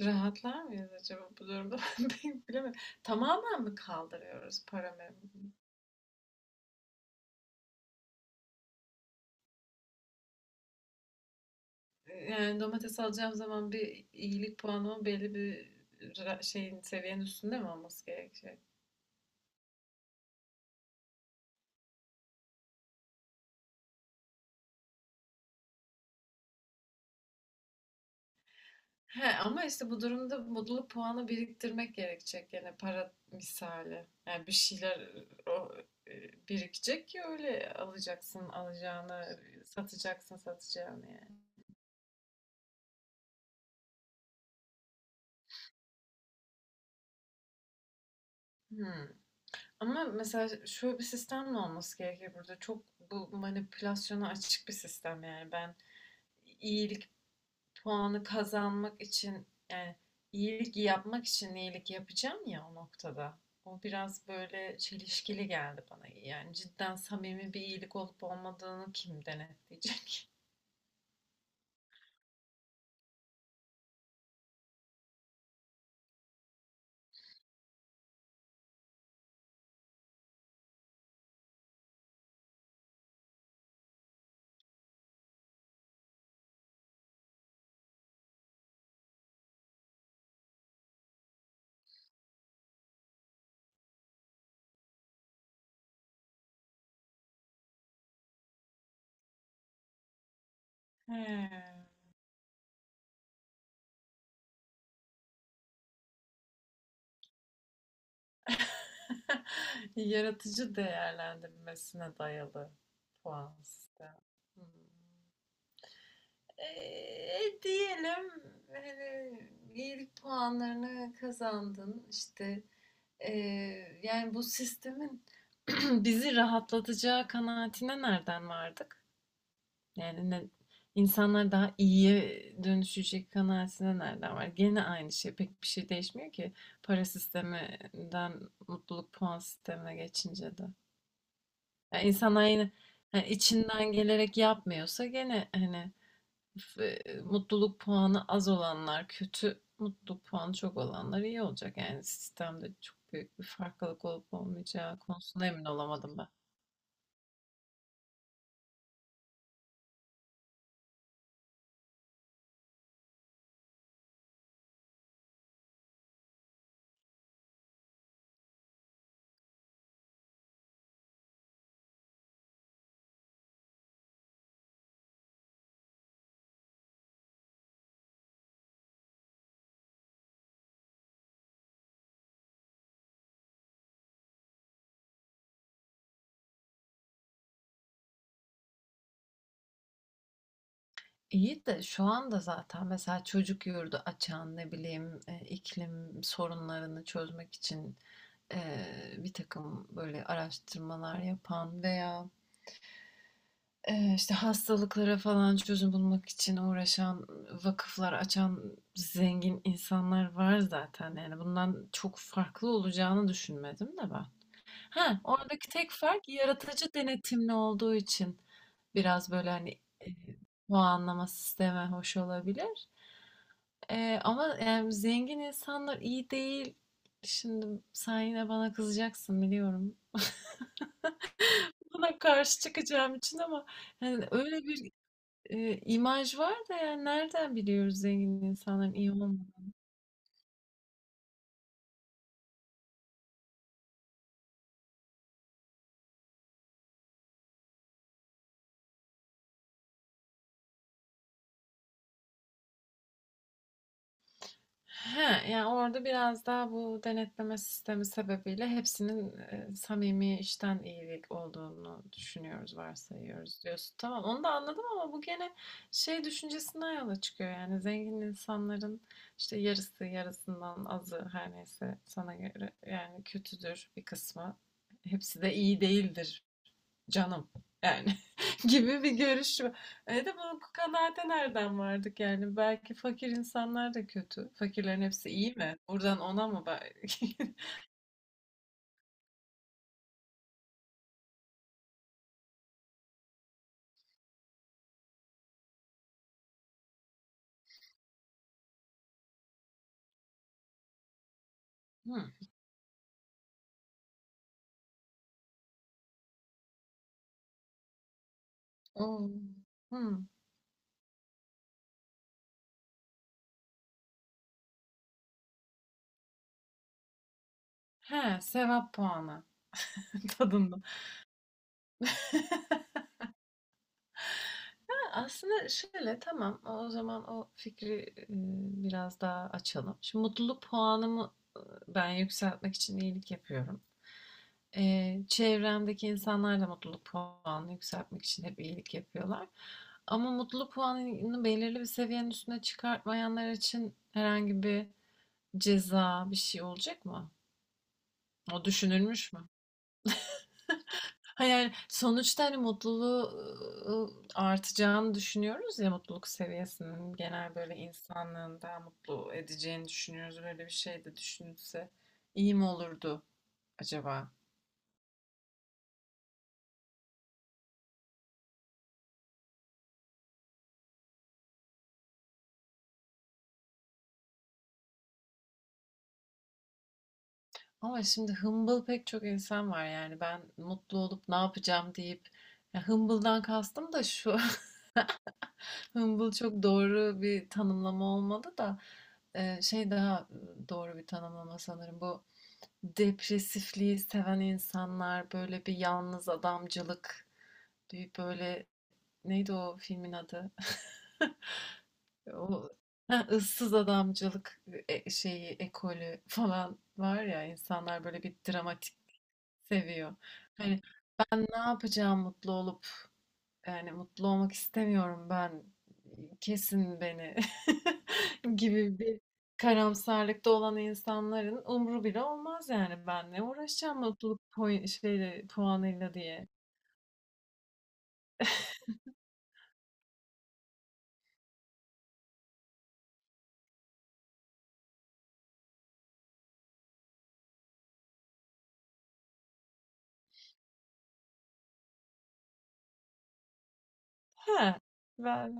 Rahatlar mıyız acaba bu durumda? Pek bilemedim. Tamamen mi kaldırıyoruz paramı? Yani domates alacağım zaman bir iyilik puanımın belli bir ra- şeyin seviyenin üstünde mi olması gerekecek? He, ama işte bu durumda mutluluk puanı biriktirmek gerekecek yani para misali. Yani bir şeyler birikecek ki öyle alacaksın alacağını, satacaksın satacağını yani. Hmm. Ama mesela şöyle bir sistem de olması gerekir burada. Çok bu manipülasyona açık bir sistem yani. Ben iyilik puanı kazanmak için yani iyilik yapmak için iyilik yapacağım ya o noktada. O biraz böyle çelişkili geldi bana. Yani cidden samimi bir iyilik olup olmadığını kim denetleyecek? He. Yaratıcı değerlendirmesine dayalı puan sistemi. Hmm. Diyelim hani iyilik puanlarını kazandın işte yani bu sistemin bizi rahatlatacağı kanaatine nereden vardık? Yani ne, insanlar daha iyiye dönüşecek kanaatine nereden var? Gene aynı şey pek bir şey değişmiyor ki para sisteminden mutluluk puan sistemine geçince de. Yani insanlar yine yani içinden gelerek yapmıyorsa gene hani e, mutluluk puanı az olanlar kötü, mutluluk puanı çok olanlar iyi olacak. Yani sistemde çok büyük bir farklılık olup olmayacağı konusunda emin olamadım ben. İyi de şu anda zaten mesela çocuk yurdu açan ne bileyim iklim sorunlarını çözmek için e, bir takım böyle araştırmalar yapan veya işte hastalıklara falan çözüm bulmak için uğraşan vakıflar açan zengin insanlar var zaten. Yani bundan çok farklı olacağını düşünmedim de ben. Ha, oradaki tek fark yaratıcı denetimli olduğu için biraz böyle hani puanlama sistemi hoş olabilir. Ama yani zengin insanlar iyi değil. Şimdi sen yine bana kızacaksın biliyorum. Buna karşı çıkacağım için ama yani öyle bir imaj var da yani nereden biliyoruz zengin insanların iyi olmadığını? He, yani orada biraz daha bu denetleme sistemi sebebiyle hepsinin samimi işten iyilik olduğunu düşünüyoruz, varsayıyoruz diyorsun. Tamam, onu da anladım ama bu gene şey düşüncesinden yola çıkıyor. Yani zengin insanların işte yarısı, yarısından azı her neyse sana göre yani kötüdür bir kısmı. Hepsi de iyi değildir canım yani gibi bir görüş var. E de bu kanaate nereden vardık yani? Belki fakir insanlar da kötü. Fakirlerin hepsi iyi mi? Buradan ona mı belki? Hmm. Oo. Hmm. He, sevap puanı tadında. Aslında şöyle, tamam, o zaman o fikri, biraz daha açalım. Şimdi mutluluk puanımı, ben yükseltmek için iyilik yapıyorum. Çevremdeki insanlar da mutluluk puanını yükseltmek için hep iyilik yapıyorlar. Ama mutluluk puanını belirli bir seviyenin üstüne çıkartmayanlar için herhangi bir ceza, bir şey olacak mı? O düşünülmüş mü? Ha, yani, sonuçta, hani, mutluluğu, ııı, artacağını düşünüyoruz ya, mutluluk seviyesinin genel böyle insanlığın daha mutlu edeceğini düşünüyoruz. Böyle bir şey de düşünülse iyi mi olurdu acaba? Ama şimdi hımbıl pek çok insan var, yani, ben mutlu olup ne yapacağım deyip ya, hımbıldan kastım da şu, hımbıl çok doğru bir tanımlama olmadı da, şey daha, doğru bir tanımlama sanırım bu. Depresifliği seven insanlar, böyle bir yalnız adamcılık, bir böyle neydi o filmin adı? O ha, ıssız adamcılık şeyi ekolü falan var ya, insanlar böyle bir dramatik seviyor. Hani ben ne yapacağım mutlu olup. Yani mutlu olmak istemiyorum ben. Kesin beni gibi bir karamsarlıkta olan insanların umru bile olmaz yani ben ne uğraşacağım mutluluk puan, şeyle, puanıyla diye. He, ben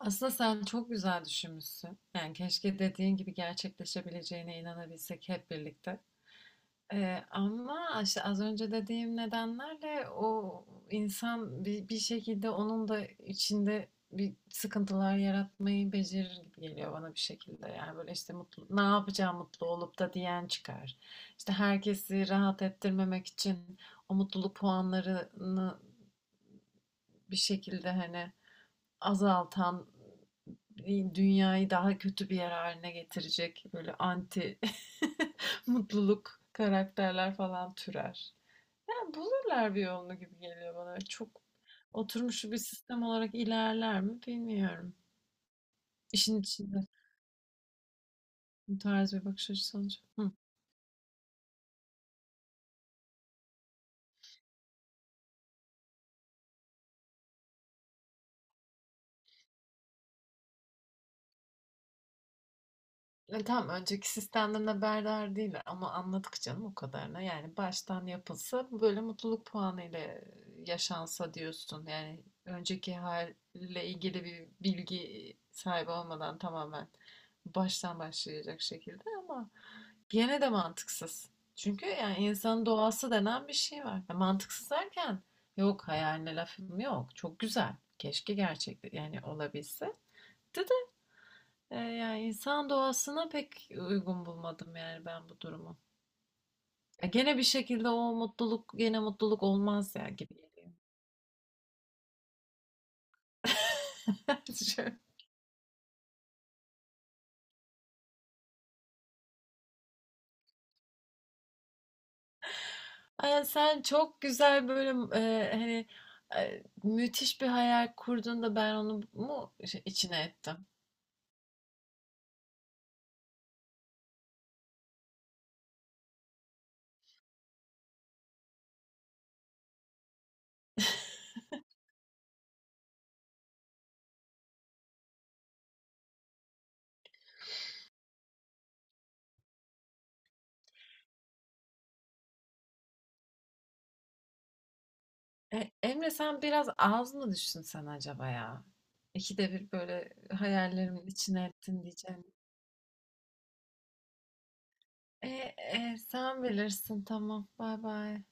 aslında sen çok güzel düşünmüşsün. Yani keşke dediğin gibi gerçekleşebileceğine inanabilsek hep birlikte. Ama işte az önce dediğim nedenlerle o insan bir şekilde onun da içinde bir sıkıntılar yaratmayı becerir gibi geliyor bana bir şekilde. Yani böyle işte mutlu, ne yapacağım mutlu olup da diyen çıkar. İşte herkesi rahat ettirmemek için o mutluluk puanlarını bir şekilde hani azaltan, dünyayı daha kötü bir yer haline getirecek böyle anti mutluluk karakterler falan türer. Yani bulurlar bir yolunu gibi geliyor bana. Çok oturmuş bir sistem olarak ilerler mi bilmiyorum. İşin içinde bu tarz bir bakış açısı olacak. Hı. E, tamam, önceki sistemden haberdar değil ama anladık canım o kadarına. Yani baştan yapılsa böyle mutluluk puanı ile yaşansa diyorsun. Yani önceki halle ilgili bir bilgi sahibi olmadan tamamen baştan başlayacak şekilde ama gene de mantıksız. Çünkü yani insanın doğası denen bir şey var. Ya mantıksız derken yok, hayaline lafım yok. Çok güzel. Keşke gerçekte yani olabilse. De de yani insan doğasına pek uygun bulmadım yani ben bu durumu. Ya gene bir şekilde o mutluluk gene mutluluk olmaz ya gibi geliyor. Şöyle. Ay, sen çok güzel böyle hani müthiş bir hayal kurdun da ben onu mu şey, içine ettim? E, Emre, sen biraz az mı düşünsen acaba ya? İkide bir böyle hayallerimin içine ettin diyeceğim. Sen bilirsin, tamam. Bay bay.